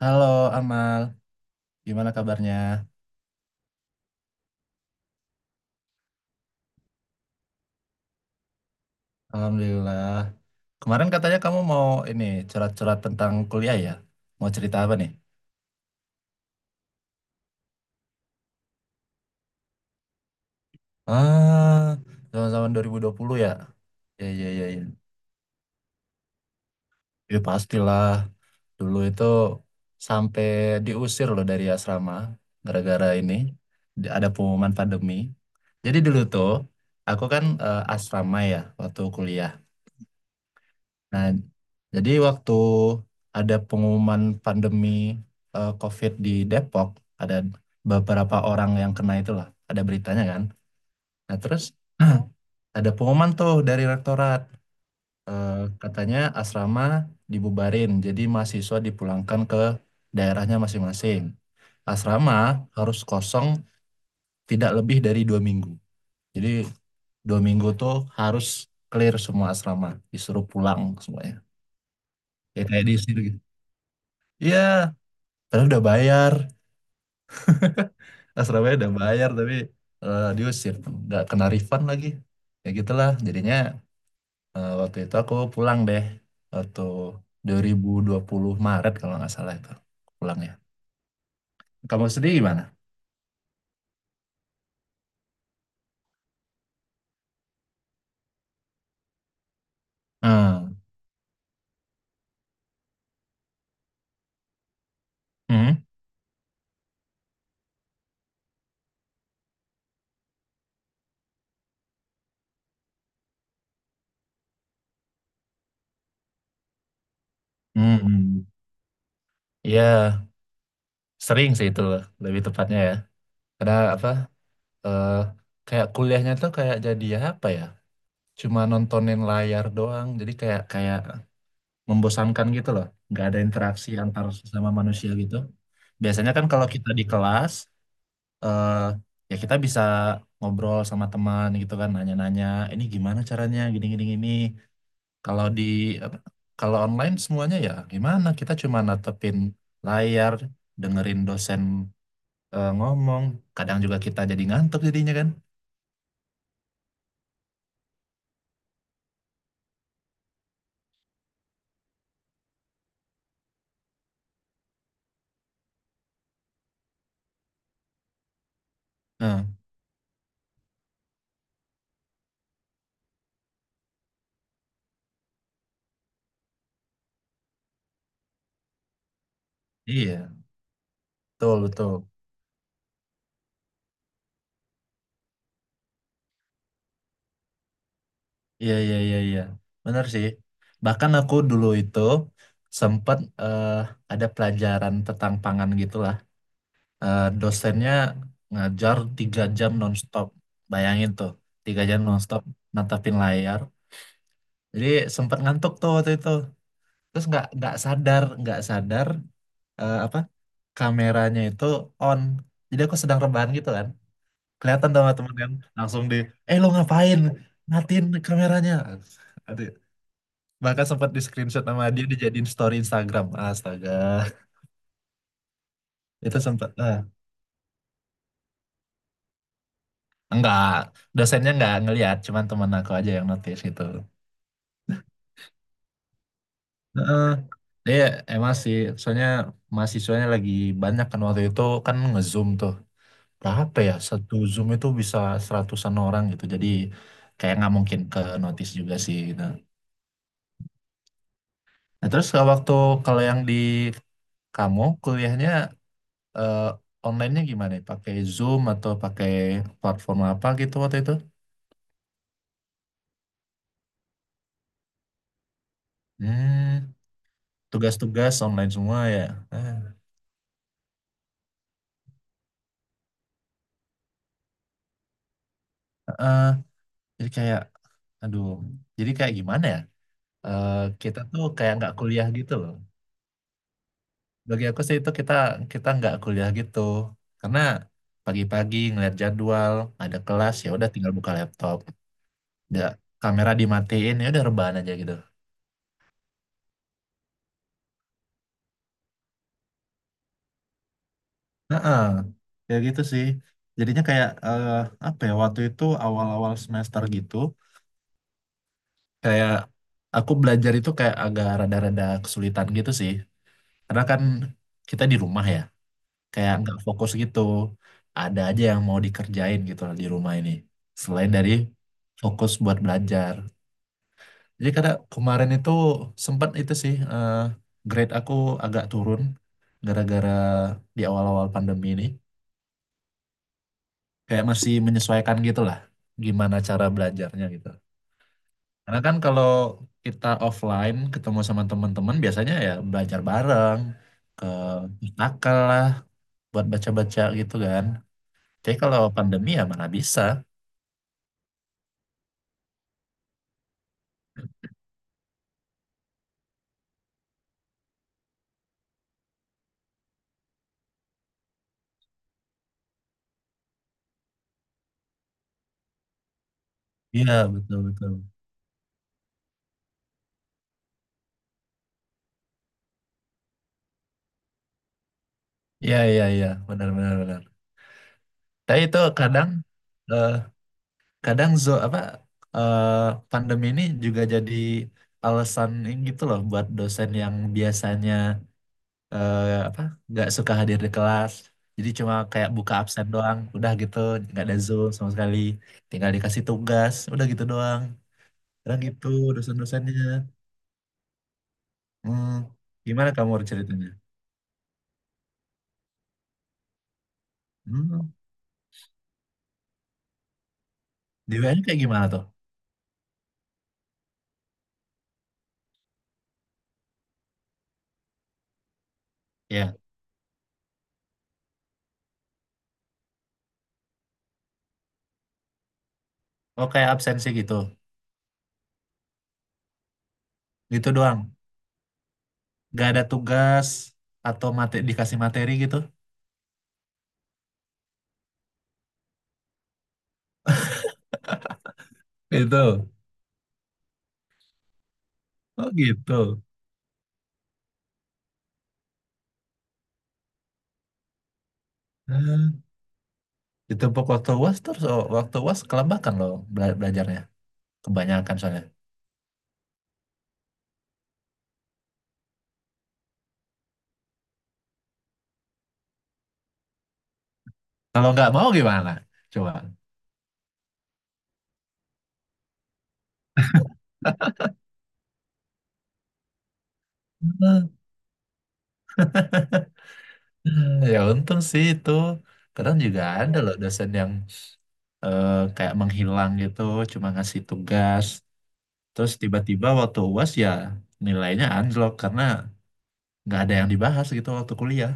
Halo Amal, gimana kabarnya? Alhamdulillah. Kemarin katanya kamu mau ini curhat-curhat tentang kuliah ya? Mau cerita apa nih? Ah, zaman-zaman 2020 ya? Ya, ya, ya, ya. Ya pastilah. Dulu itu sampai diusir loh dari asrama gara-gara ini ada pengumuman pandemi. Jadi dulu tuh aku kan asrama ya waktu kuliah. Nah, jadi waktu ada pengumuman pandemi COVID di Depok, ada beberapa orang yang kena itulah, ada beritanya kan. Nah, terus ada pengumuman tuh dari rektorat, eh, katanya asrama dibubarin, jadi mahasiswa dipulangkan ke daerahnya masing-masing. Asrama harus kosong tidak lebih dari 2 minggu. Jadi 2 minggu tuh harus clear semua asrama, disuruh pulang semuanya. Ya, kayak diusir gitu. Iya, tapi udah bayar. Surabaya udah bayar tapi diusir. Nggak kena refund lagi. Ya gitulah. Jadinya waktu itu aku pulang deh. Waktu 2020 Maret kalau nggak salah itu. Pulang ya. Kamu sendiri gimana? Hmm. Hmm. Hmm. Iya, sering sih itu loh, lebih tepatnya ya. Karena apa? eh, kayak kuliahnya tuh kayak jadi apa ya? Cuma nontonin layar doang. Jadi kayak kayak membosankan gitu loh. Nggak ada interaksi antar sesama manusia gitu. Biasanya kan kalau kita di kelas, eh, ya kita bisa ngobrol sama teman gitu kan, nanya-nanya, ini gimana caranya, gini-gini gini. Kalau di apa, kalau online semuanya ya gimana? Kita cuma natepin layar, dengerin dosen ngomong. Kadang juga kita jadi ngantuk jadinya kan. Nah, iya, betul betul. Iya, iya, iya, iya. Benar sih. Bahkan aku dulu itu sempat ada pelajaran tentang pangan gitulah. Dosennya ngajar 3 jam nonstop. Bayangin tuh, 3 jam nonstop natapin layar. Jadi sempat ngantuk tuh waktu itu. Terus nggak sadar apa kameranya itu on. Jadi aku sedang rebahan gitu kan. Kelihatan dong teman kan langsung eh, lo ngapain? Matiin kameranya. Bahkan sempat di screenshot sama dia dijadiin story Instagram. Astaga, itu sempat. Ah. Enggak, dosennya enggak ngelihat, cuman teman aku aja yang notice gitu. Heeh. Iya, emang sih, soalnya mahasiswanya lagi banyak kan waktu itu kan nge-zoom tuh. Berapa ya? Satu zoom itu bisa 100-an orang gitu. Jadi kayak nggak mungkin ke notice juga sih gitu. Nah, terus kalau waktu kalau yang di kamu kuliahnya eh, online-nya gimana? Pakai Zoom atau pakai platform apa gitu waktu itu? Hmm, tugas-tugas online semua ya. Eh, eh, jadi kayak, aduh, jadi kayak gimana ya? Kita tuh kayak nggak kuliah gitu loh. Bagi aku sih itu kita kita nggak kuliah gitu, karena pagi-pagi ngeliat jadwal, ada kelas ya udah tinggal buka laptop, ya kamera dimatiin ya udah rebahan aja gitu. Heeh, kayak gitu sih. Jadinya kayak apa ya? Waktu itu awal-awal semester gitu, kayak aku belajar itu kayak agak rada-rada kesulitan gitu sih. Karena kan kita di rumah ya, kayak nggak fokus gitu. Ada aja yang mau dikerjain gitu lah di rumah ini. Selain dari fokus buat belajar. Jadi karena kemarin itu sempat itu sih grade aku agak turun gara-gara di awal-awal pandemi ini. Kayak masih menyesuaikan gitu lah gimana cara belajarnya gitu. Karena kan kalau kita offline ketemu sama teman-teman biasanya ya belajar bareng ke pustaka lah buat baca-baca gitu kan. Tapi kalau pandemi ya mana bisa. Iya, betul betul. Iya iya iya, benar benar benar. Tapi itu kadang eh, kadang apa, eh, pandemi ini juga jadi alasan ini gitu loh buat dosen yang biasanya eh, apa nggak suka hadir di kelas. Jadi cuma kayak buka absen doang, udah gitu, nggak ada Zoom sama sekali. Tinggal dikasih tugas, udah gitu doang. Kadang gitu dosen-dosennya. Hmm, gimana kamu ceritanya? Hmm, di WN kayak gimana tuh? Ya. Oh kayak absensi gitu. Gitu doang. Gak ada tugas atau dikasih materi gitu. Gitu. Oh gitu. Hmm. Ditumpuk waktu UAS terus oh, waktu UAS kelembakan loh belajarnya. Kebanyakan soalnya. Kalau nggak mau gimana? Coba. Ya untung sih itu. Kadang juga ada loh dosen yang eh, kayak menghilang gitu, cuma ngasih tugas. Terus tiba-tiba waktu UAS ya nilainya anjlok karena nggak ada yang dibahas gitu waktu kuliah.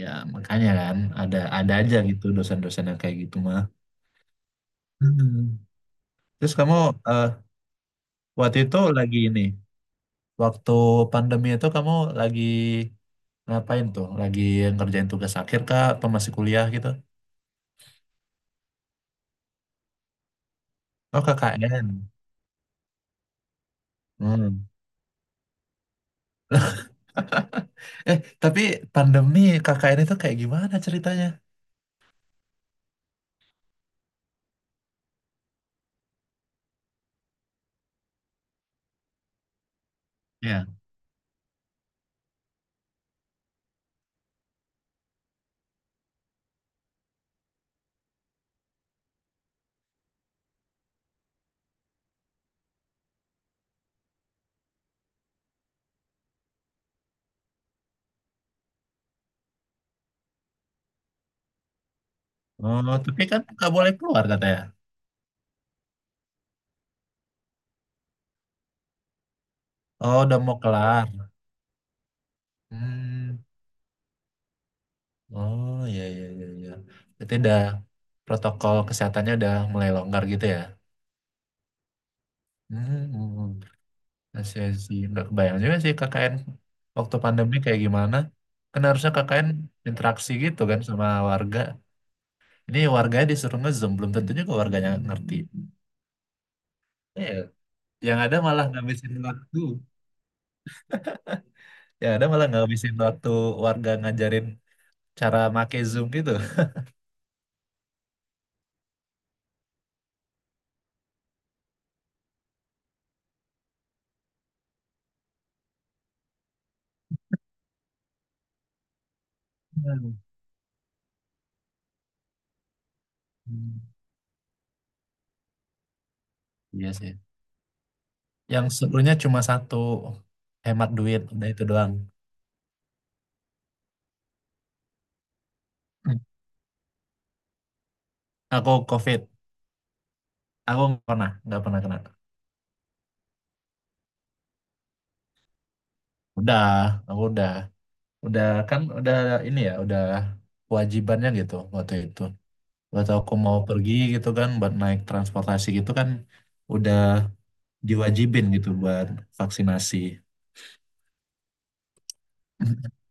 Ya, makanya kan ada aja gitu dosen-dosen yang kayak gitu mah. Hmm. Terus kamu eh, waktu itu lagi ini, waktu pandemi itu kamu lagi ngapain tuh? Lagi ngerjain tugas akhir kah atau masih kuliah gitu? Oh, KKN. Hmm. Eh, tapi pandemi KKN itu kayak gimana ceritanya? Ya. Oh, tapi kan nggak boleh keluar katanya. Oh, udah mau kelar. Hmm. Oh iya iya iya iya. Berarti udah protokol kesehatannya udah mulai longgar gitu ya. Hmm, hmm, hmm. I see, I see. Nggak kebayang juga sih KKN waktu pandemi kayak gimana. Kan harusnya KKN interaksi gitu kan sama warga. Ini warganya disuruh nge-zoom, belum tentunya ke warganya ngerti. Iya. Yang ada malah ngabisin waktu. Yang ada malah ngabisin waktu warga ngajarin cara make Zoom gitu. Hmm. Iya sih. Yang serunya cuma satu, hemat duit, udah itu doang. Aku COVID. Aku nggak pernah kena. Udah, aku udah kan udah ini ya, udah kewajibannya gitu waktu itu. Waktu aku mau pergi gitu kan, buat naik transportasi gitu kan, udah diwajibin gitu buat vaksinasi.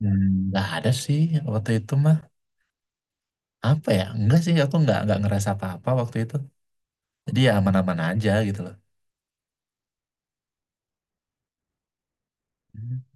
Hmm, nggak ada sih waktu itu mah. Apa ya? Enggak sih, aku nggak ngerasa apa-apa waktu itu. Jadi ya aman-aman aja gitu loh. Hmm.